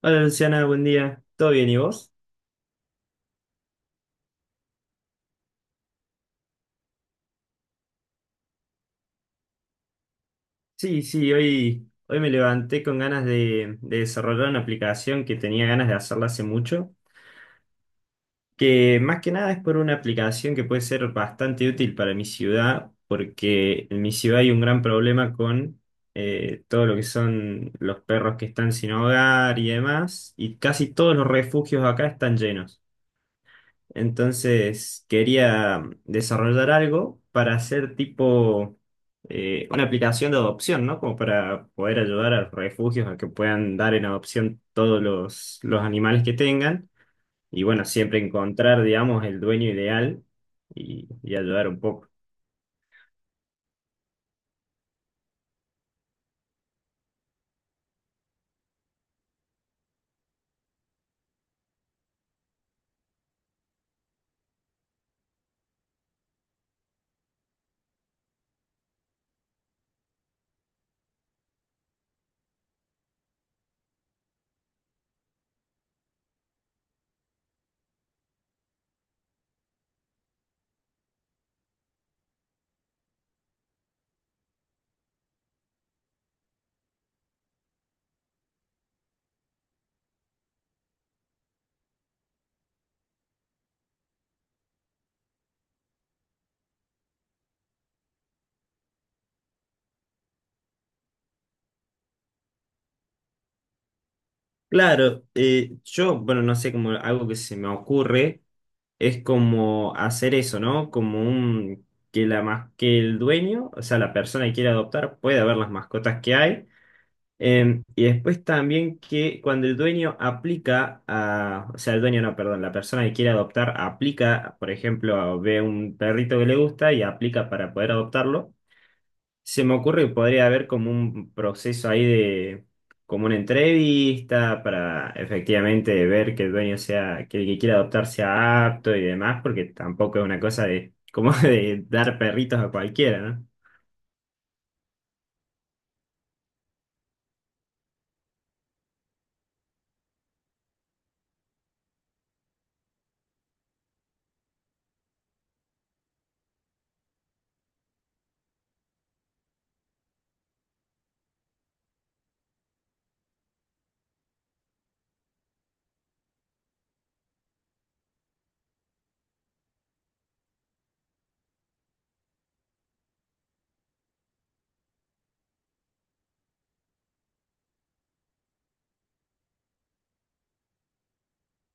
Hola Luciana, buen día. ¿Todo bien y vos? Sí, sí, hoy me levanté con ganas de desarrollar una aplicación que tenía ganas de hacerla hace mucho, que más que nada es por una aplicación que puede ser bastante útil para mi ciudad, porque en mi ciudad hay un gran problema con todo lo que son los perros que están sin hogar y demás, y casi todos los refugios acá están llenos. Entonces quería desarrollar algo para hacer tipo una aplicación de adopción, ¿no? Como para poder ayudar a los refugios a que puedan dar en adopción todos los animales que tengan. Y bueno, siempre encontrar, digamos, el dueño ideal y ayudar un poco. Claro, yo, bueno, no sé, como algo que se me ocurre es como hacer eso, ¿no? Como un, que la, que el dueño, o sea, la persona que quiere adoptar, pueda ver las mascotas que hay. Em, y después también que cuando el dueño aplica a, o sea, el dueño no, perdón, la persona que quiere adoptar aplica, por ejemplo, ve un perrito que le gusta y aplica para poder adoptarlo. Se me ocurre que podría haber como un proceso ahí de, como una entrevista para efectivamente ver que el dueño sea, que el que quiera adoptar sea apto y demás, porque tampoco es una cosa de, como de dar perritos a cualquiera, ¿no?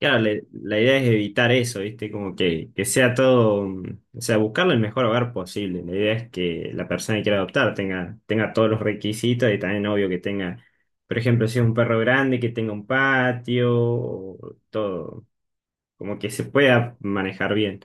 Claro, la idea es evitar eso, ¿viste? Como que sea todo, o sea, buscarle el mejor hogar posible. La idea es que la persona que quiera adoptar tenga, tenga todos los requisitos y también obvio que tenga, por ejemplo, si es un perro grande, que tenga un patio, o todo, como que se pueda manejar bien.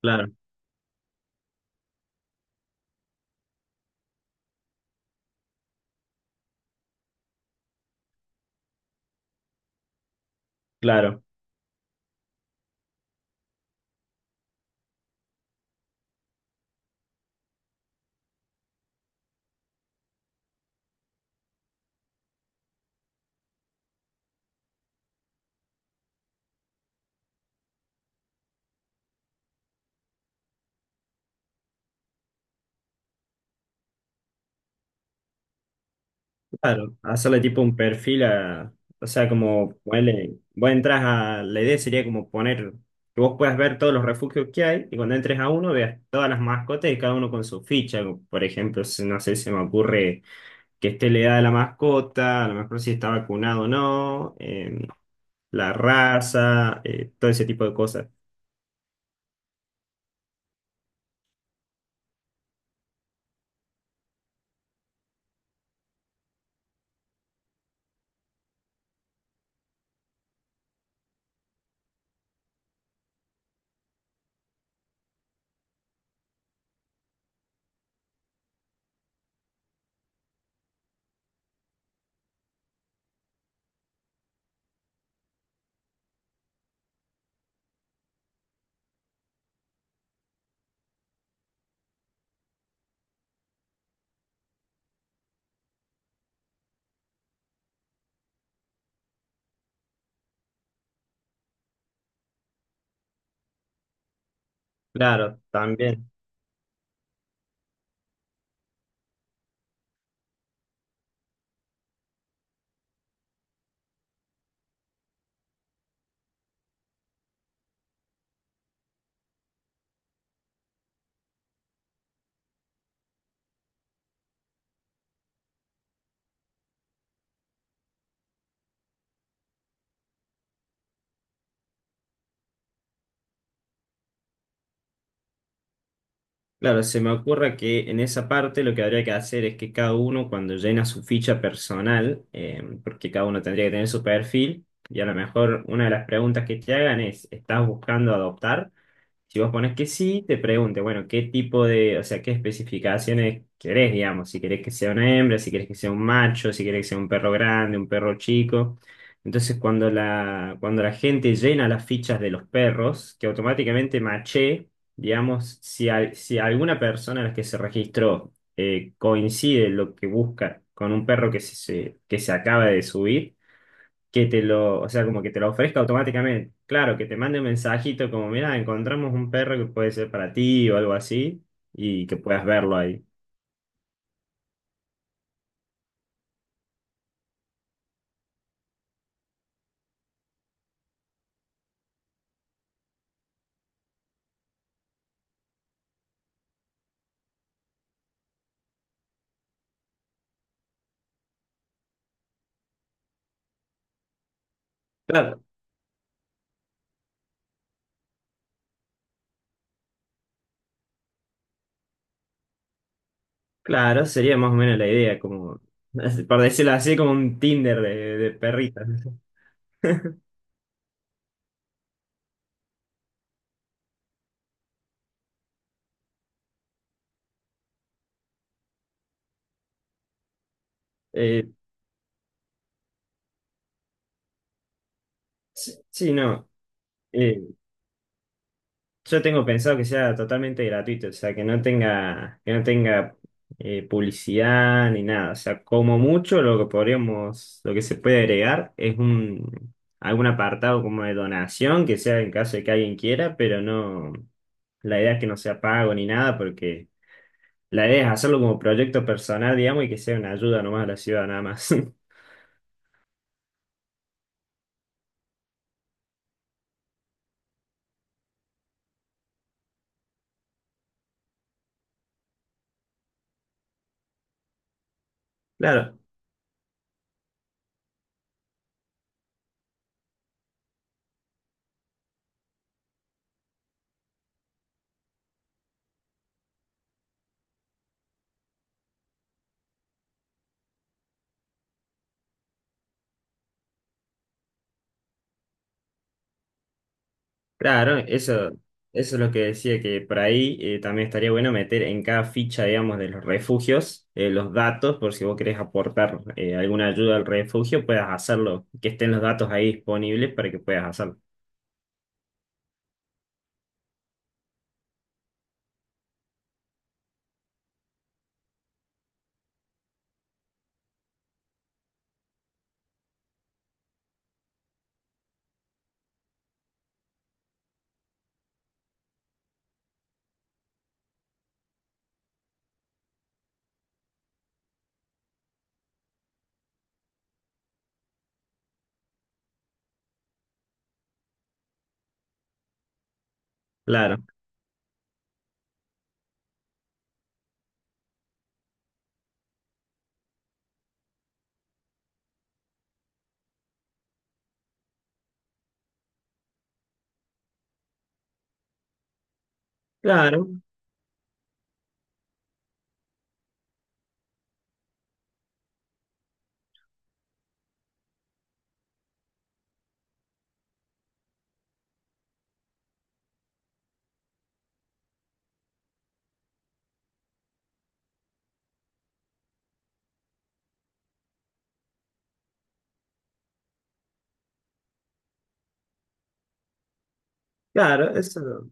Claro, claro. Claro, hacerle tipo un perfil a, o sea, como ponerle, vos entras a, la idea sería como poner, que vos puedas ver todos los refugios que hay y cuando entres a uno veas todas las mascotas y cada uno con su ficha, como, por ejemplo, no sé, se me ocurre que esté la edad de la mascota, a lo mejor si está vacunado o no, la raza, todo ese tipo de cosas. Claro, también. Claro, se me ocurre que en esa parte lo que habría que hacer es que cada uno cuando llena su ficha personal, porque cada uno tendría que tener su perfil, y a lo mejor una de las preguntas que te hagan es, ¿estás buscando adoptar? Si vos pones que sí, te pregunte, bueno, qué tipo de, o sea, qué especificaciones querés, digamos, si querés que sea una hembra, si querés que sea un macho, si querés que sea un perro grande, un perro chico. Entonces, cuando la gente llena las fichas de los perros, que automáticamente maché, digamos, si, si alguna persona a la que se registró coincide lo que busca con un perro que que se acaba de subir, que te lo, o sea, como que te lo ofrezca automáticamente. Claro, que te mande un mensajito como, mira, encontramos un perro que puede ser para ti o algo así, y que puedas verlo ahí. Claro, claro, sería más o menos la idea, como, por decirlo así, como un Tinder de perritas. Eh, sí, sí, no. eh, Yo tengo pensado que sea totalmente gratuito, o sea, que no tenga publicidad ni nada. O sea, como mucho lo que podríamos, lo que se puede agregar es un algún apartado como de donación, que sea en caso de que alguien quiera, pero no, la idea es que no sea pago ni nada, porque la idea es hacerlo como proyecto personal, digamos, y que sea una ayuda nomás a la ciudad, nada más. Claro, claro, eso es lo que decía, que por ahí también estaría bueno meter en cada ficha, digamos, de los refugios, los datos, por si vos querés aportar alguna ayuda al refugio, puedas hacerlo, que estén los datos ahí disponibles para que puedas hacerlo. Claro, claro, claro, eso,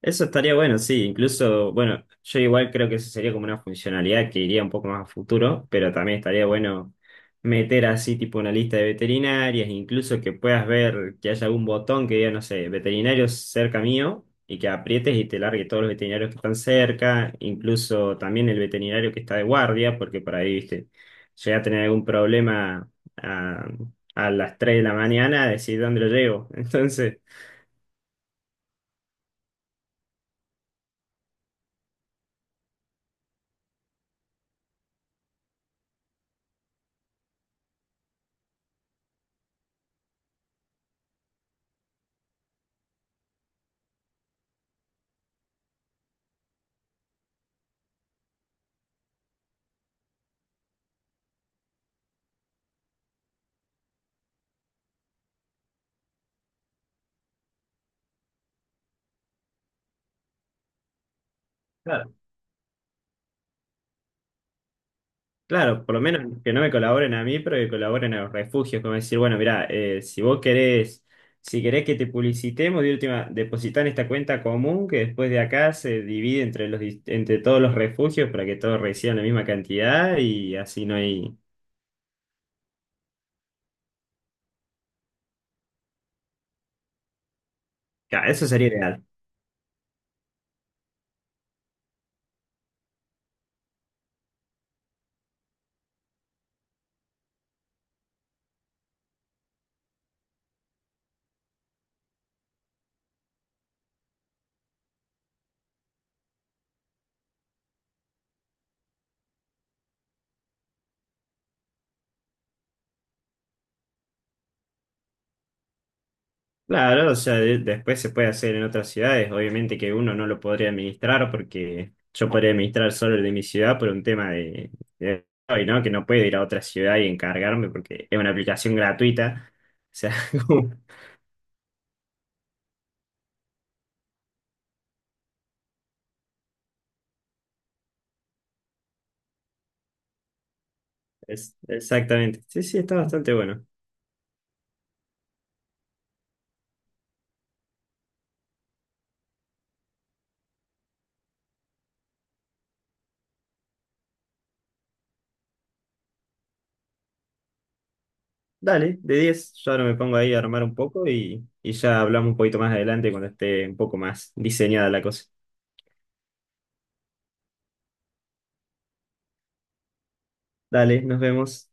Eso estaría bueno, sí. Incluso, bueno, yo igual creo que eso sería como una funcionalidad que iría un poco más a futuro, pero también estaría bueno meter así tipo una lista de veterinarias, incluso que puedas ver que haya algún botón que diga, no sé, veterinarios cerca mío, y que aprietes y te largue todos los veterinarios que están cerca, incluso también el veterinario que está de guardia, porque por ahí, viste, llega a tener algún problema a, a las 3 de la mañana, decir dónde lo llevo. Entonces... Claro, por lo menos que no me colaboren a mí, pero que colaboren a los refugios, como decir, bueno, mirá, si vos querés, si querés que te publicitemos, de última, depositá en esta cuenta común que después de acá se divide entre los, entre todos los refugios para que todos reciban la misma cantidad y así no hay. Claro, eso sería ideal. Claro, o sea, después se puede hacer en otras ciudades. Obviamente que uno no lo podría administrar porque yo podría administrar solo el de mi ciudad por un tema de hoy, ¿no? Que no puedo ir a otra ciudad y encargarme porque es una aplicación gratuita. O sea, como- es, exactamente. Sí, sí, está bastante bueno. Dale, de diez, yo ahora me pongo ahí a armar un poco y ya hablamos un poquito más adelante cuando esté un poco más diseñada la cosa. Dale, nos vemos.